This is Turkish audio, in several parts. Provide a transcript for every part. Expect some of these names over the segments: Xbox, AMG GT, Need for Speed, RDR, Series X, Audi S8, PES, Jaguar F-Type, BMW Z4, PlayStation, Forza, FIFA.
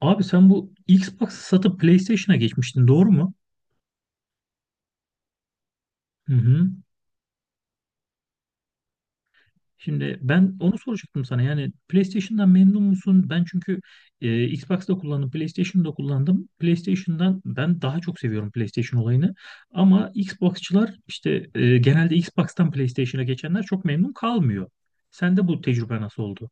Abi sen bu Xbox'ı satıp PlayStation'a geçmiştin, doğru mu? Hı hı. Şimdi ben onu soracaktım sana. Yani PlayStation'dan memnun musun? Ben çünkü Xbox'ta kullandım, PlayStation'da kullandım. PlayStation'dan ben daha çok seviyorum PlayStation olayını. Ama Xbox'çılar işte genelde Xbox'tan PlayStation'a geçenler çok memnun kalmıyor. Sende bu tecrübe nasıl oldu?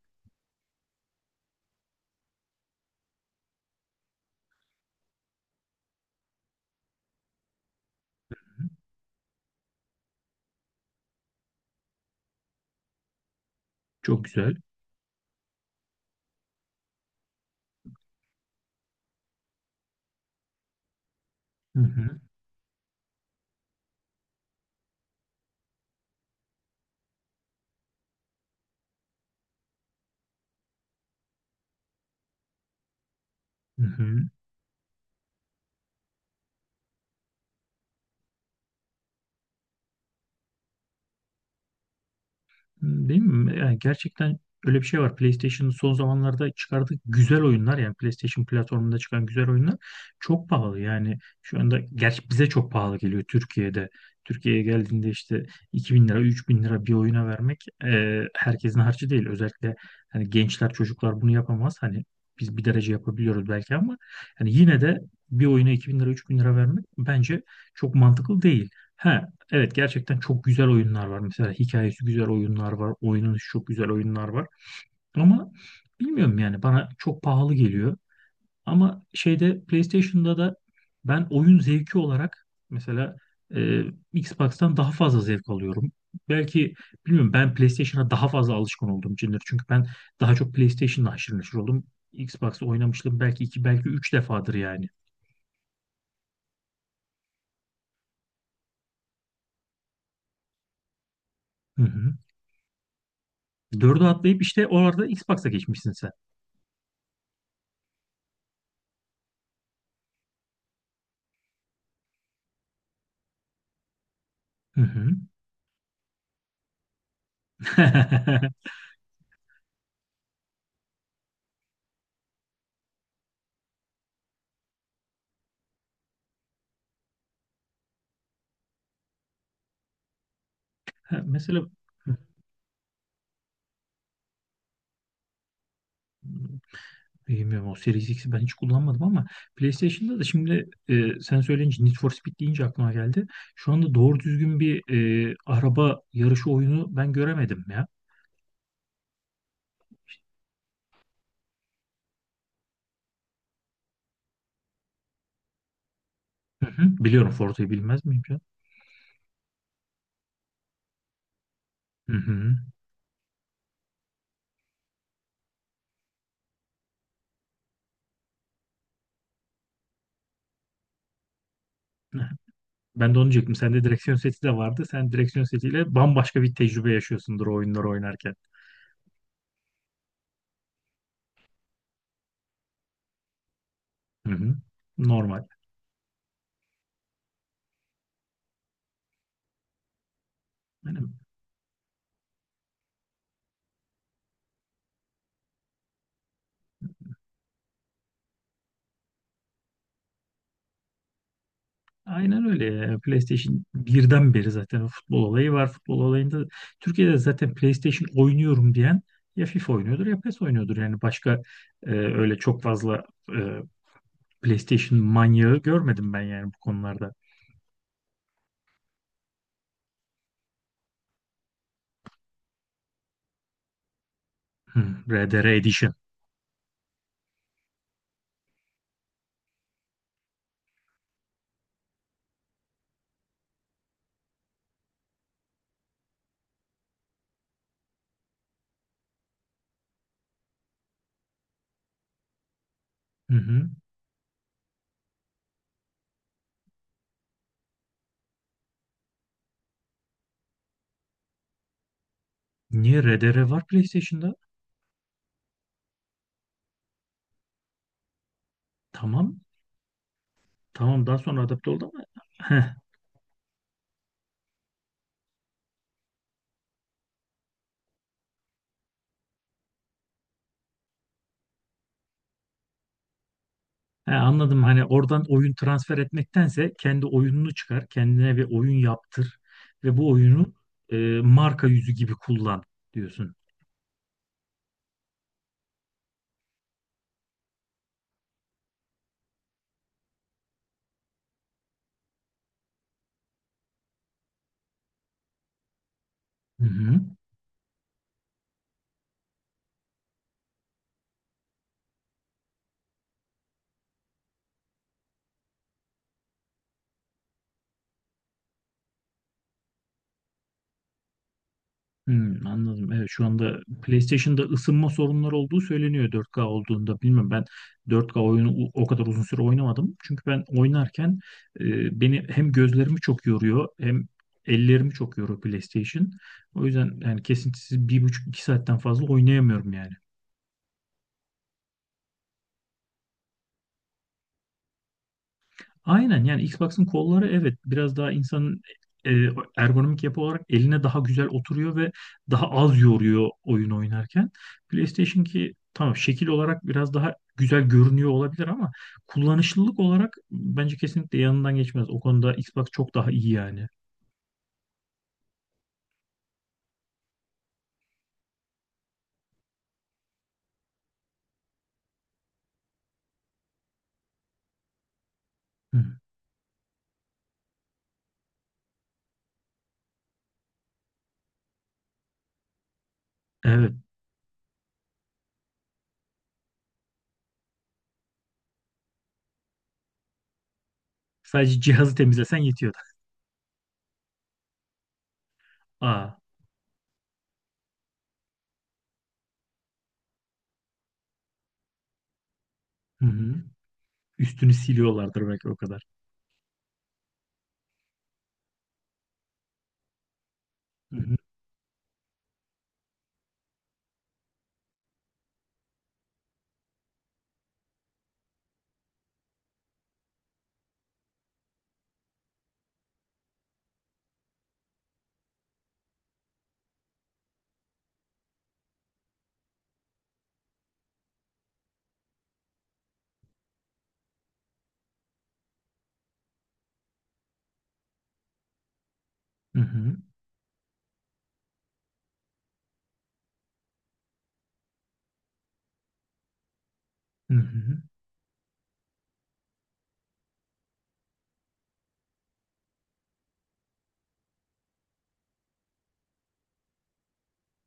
Çok güzel. Hı hı. Hı hı. Değil mi? Yani gerçekten öyle bir şey var. PlayStation'ın son zamanlarda çıkardığı güzel oyunlar, yani PlayStation platformunda çıkan güzel oyunlar çok pahalı. Yani şu anda gerçi bize çok pahalı geliyor Türkiye'de. Türkiye'ye geldiğinde işte 2.000 lira, 3.000 lira bir oyuna vermek herkesin harcı değil. Özellikle hani gençler, çocuklar bunu yapamaz. Hani biz bir derece yapabiliyoruz belki ama hani yine de bir oyuna 2.000 lira, 3000 lira vermek bence çok mantıklı değil. He, evet, gerçekten çok güzel oyunlar var. Mesela hikayesi güzel oyunlar var. Oynanışı çok güzel oyunlar var. Ama bilmiyorum, yani bana çok pahalı geliyor. Ama şeyde, PlayStation'da da ben oyun zevki olarak mesela e, Xbox'tan daha fazla zevk alıyorum. Belki, bilmiyorum, ben PlayStation'a daha fazla alışkın olduğum içindir. Çünkü ben daha çok PlayStation'la haşır neşir oldum. Xbox'ta oynamıştım belki iki, belki üç defadır yani. Hı hı. Dördü atlayıp işte orada Xbox'a geçmişsin sen. Hı hı. Ha, mesela bilmiyorum, o Series X'i ben hiç kullanmadım ama PlayStation'da da şimdi, sen söyleyince Need for Speed deyince aklıma geldi. Şu anda doğru düzgün bir araba yarışı oyunu ben göremedim ya. Hı hı. Biliyorum, Forza'yı bilmez miyim ya? Hı hı. Ben de onu diyecektim. Sende direksiyon seti de vardı. Sen direksiyon setiyle bambaşka bir tecrübe yaşıyorsundur o oyunları oynarken. Hı hı. Normal. Yani aynen öyle ya. Yani PlayStation birden beri zaten o futbol olayı var. Futbol olayında Türkiye'de zaten PlayStation oynuyorum diyen ya FIFA oynuyordur ya PES oynuyordur. Yani başka öyle çok fazla e, PlayStation manyağı görmedim ben, yani bu konularda. Hmm, RDR Edition. Hı hı. Niye RDR var PlayStation'da? Tamam. Tamam, daha sonra adapte oldu ama he, anladım. Hani oradan oyun transfer etmektense kendi oyununu çıkar, kendine bir oyun yaptır ve bu oyunu e, marka yüzü gibi kullan diyorsun. Hı hı. Hmm, anladım. Evet, şu anda PlayStation'da ısınma sorunları olduğu söyleniyor 4K olduğunda. Bilmem, ben 4K oyunu o kadar uzun süre oynamadım. Çünkü ben oynarken beni hem gözlerimi çok yoruyor hem ellerimi çok yoruyor PlayStation. O yüzden yani kesintisiz 1,5, iki saatten fazla oynayamıyorum yani. Aynen, yani Xbox'ın kolları, evet, biraz daha insanın e, ergonomik yapı olarak eline daha güzel oturuyor ve daha az yoruyor oyun oynarken. PlayStation ki, tamam, şekil olarak biraz daha güzel görünüyor olabilir ama kullanışlılık olarak bence kesinlikle yanından geçmez. O konuda Xbox çok daha iyi yani. Hı. Evet. Sadece cihazı temizlesen yetiyordu. Aa. Hı hı. Üstünü siliyorlardır belki, o kadar. Hı hı. Hı hı. Hı hı.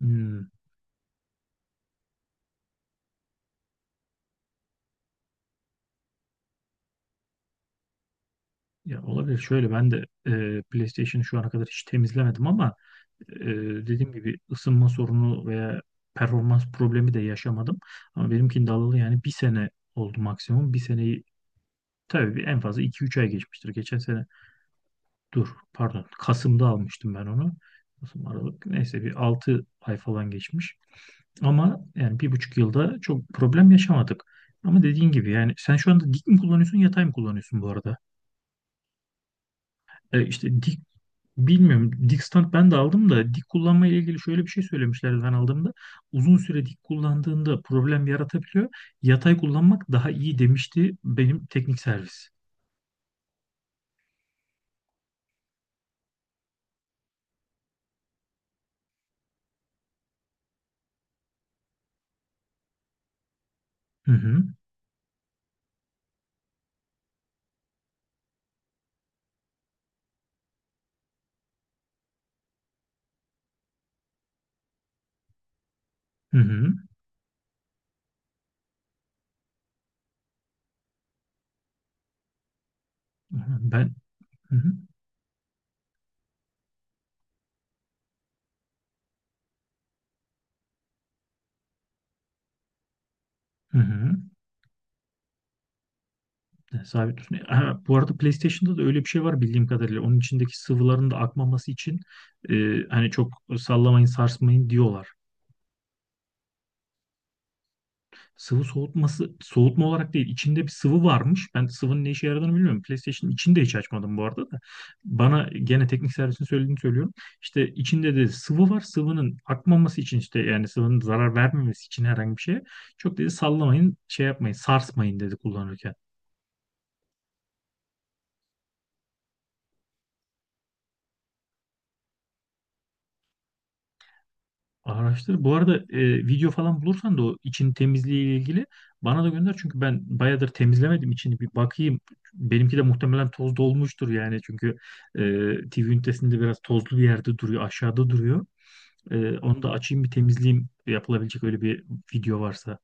Hmm. Ya, olabilir. Şöyle, ben de PlayStation'ı şu ana kadar hiç temizlemedim ama e, dediğim gibi ısınma sorunu veya performans problemi de yaşamadım. Ama benimkinde alalı yani bir sene oldu maksimum. Bir seneyi tabii, bir en fazla iki üç ay geçmiştir. Geçen sene, dur, pardon, Kasım'da almıştım ben onu. Kasım, Aralık, neyse, bir 6 ay falan geçmiş. Ama yani 1,5 yılda çok problem yaşamadık. Ama dediğin gibi, yani sen şu anda dik mi kullanıyorsun, yatay mı kullanıyorsun bu arada? İşte dik, bilmiyorum. Dik stand ben de aldım da dik kullanma ile ilgili şöyle bir şey söylemişlerdi ben aldığımda. Uzun süre dik kullandığında problem yaratabiliyor. Yatay kullanmak daha iyi demişti benim teknik servis. Hı hı. Hı hı. Ben, hı hı. Hı hı. Sabit tutun. Ha, bu arada PlayStation'da da öyle bir şey var bildiğim kadarıyla. Onun içindeki sıvıların da akmaması için e, hani çok sallamayın, sarsmayın diyorlar. Sıvı soğutması, soğutma olarak değil, içinde bir sıvı varmış. Ben sıvının ne işe yaradığını bilmiyorum. PlayStation'ın içini de hiç açmadım bu arada da. Bana gene teknik servisin söylediğini söylüyorum. İşte içinde de sıvı var. Sıvının akmaması için işte, yani sıvının zarar vermemesi için herhangi bir şey. Çok dedi, sallamayın, şey yapmayın, sarsmayın dedi kullanırken. Araştır. Bu arada video falan bulursan da o için temizliği ile ilgili bana da gönder. Çünkü ben bayağıdır temizlemedim içini, bir bakayım. Benimki de muhtemelen toz dolmuştur yani. Çünkü e, TV ünitesinde biraz tozlu bir yerde duruyor. Aşağıda duruyor. E, onu da açayım bir temizleyeyim. Yapılabilecek öyle bir video varsa.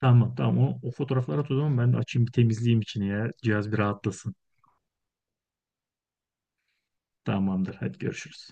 Tamam, tamam, o fotoğrafları at o zaman, ben de açayım bir temizleyeyim içini ya. Cihaz bir rahatlasın. Tamamdır, hadi görüşürüz.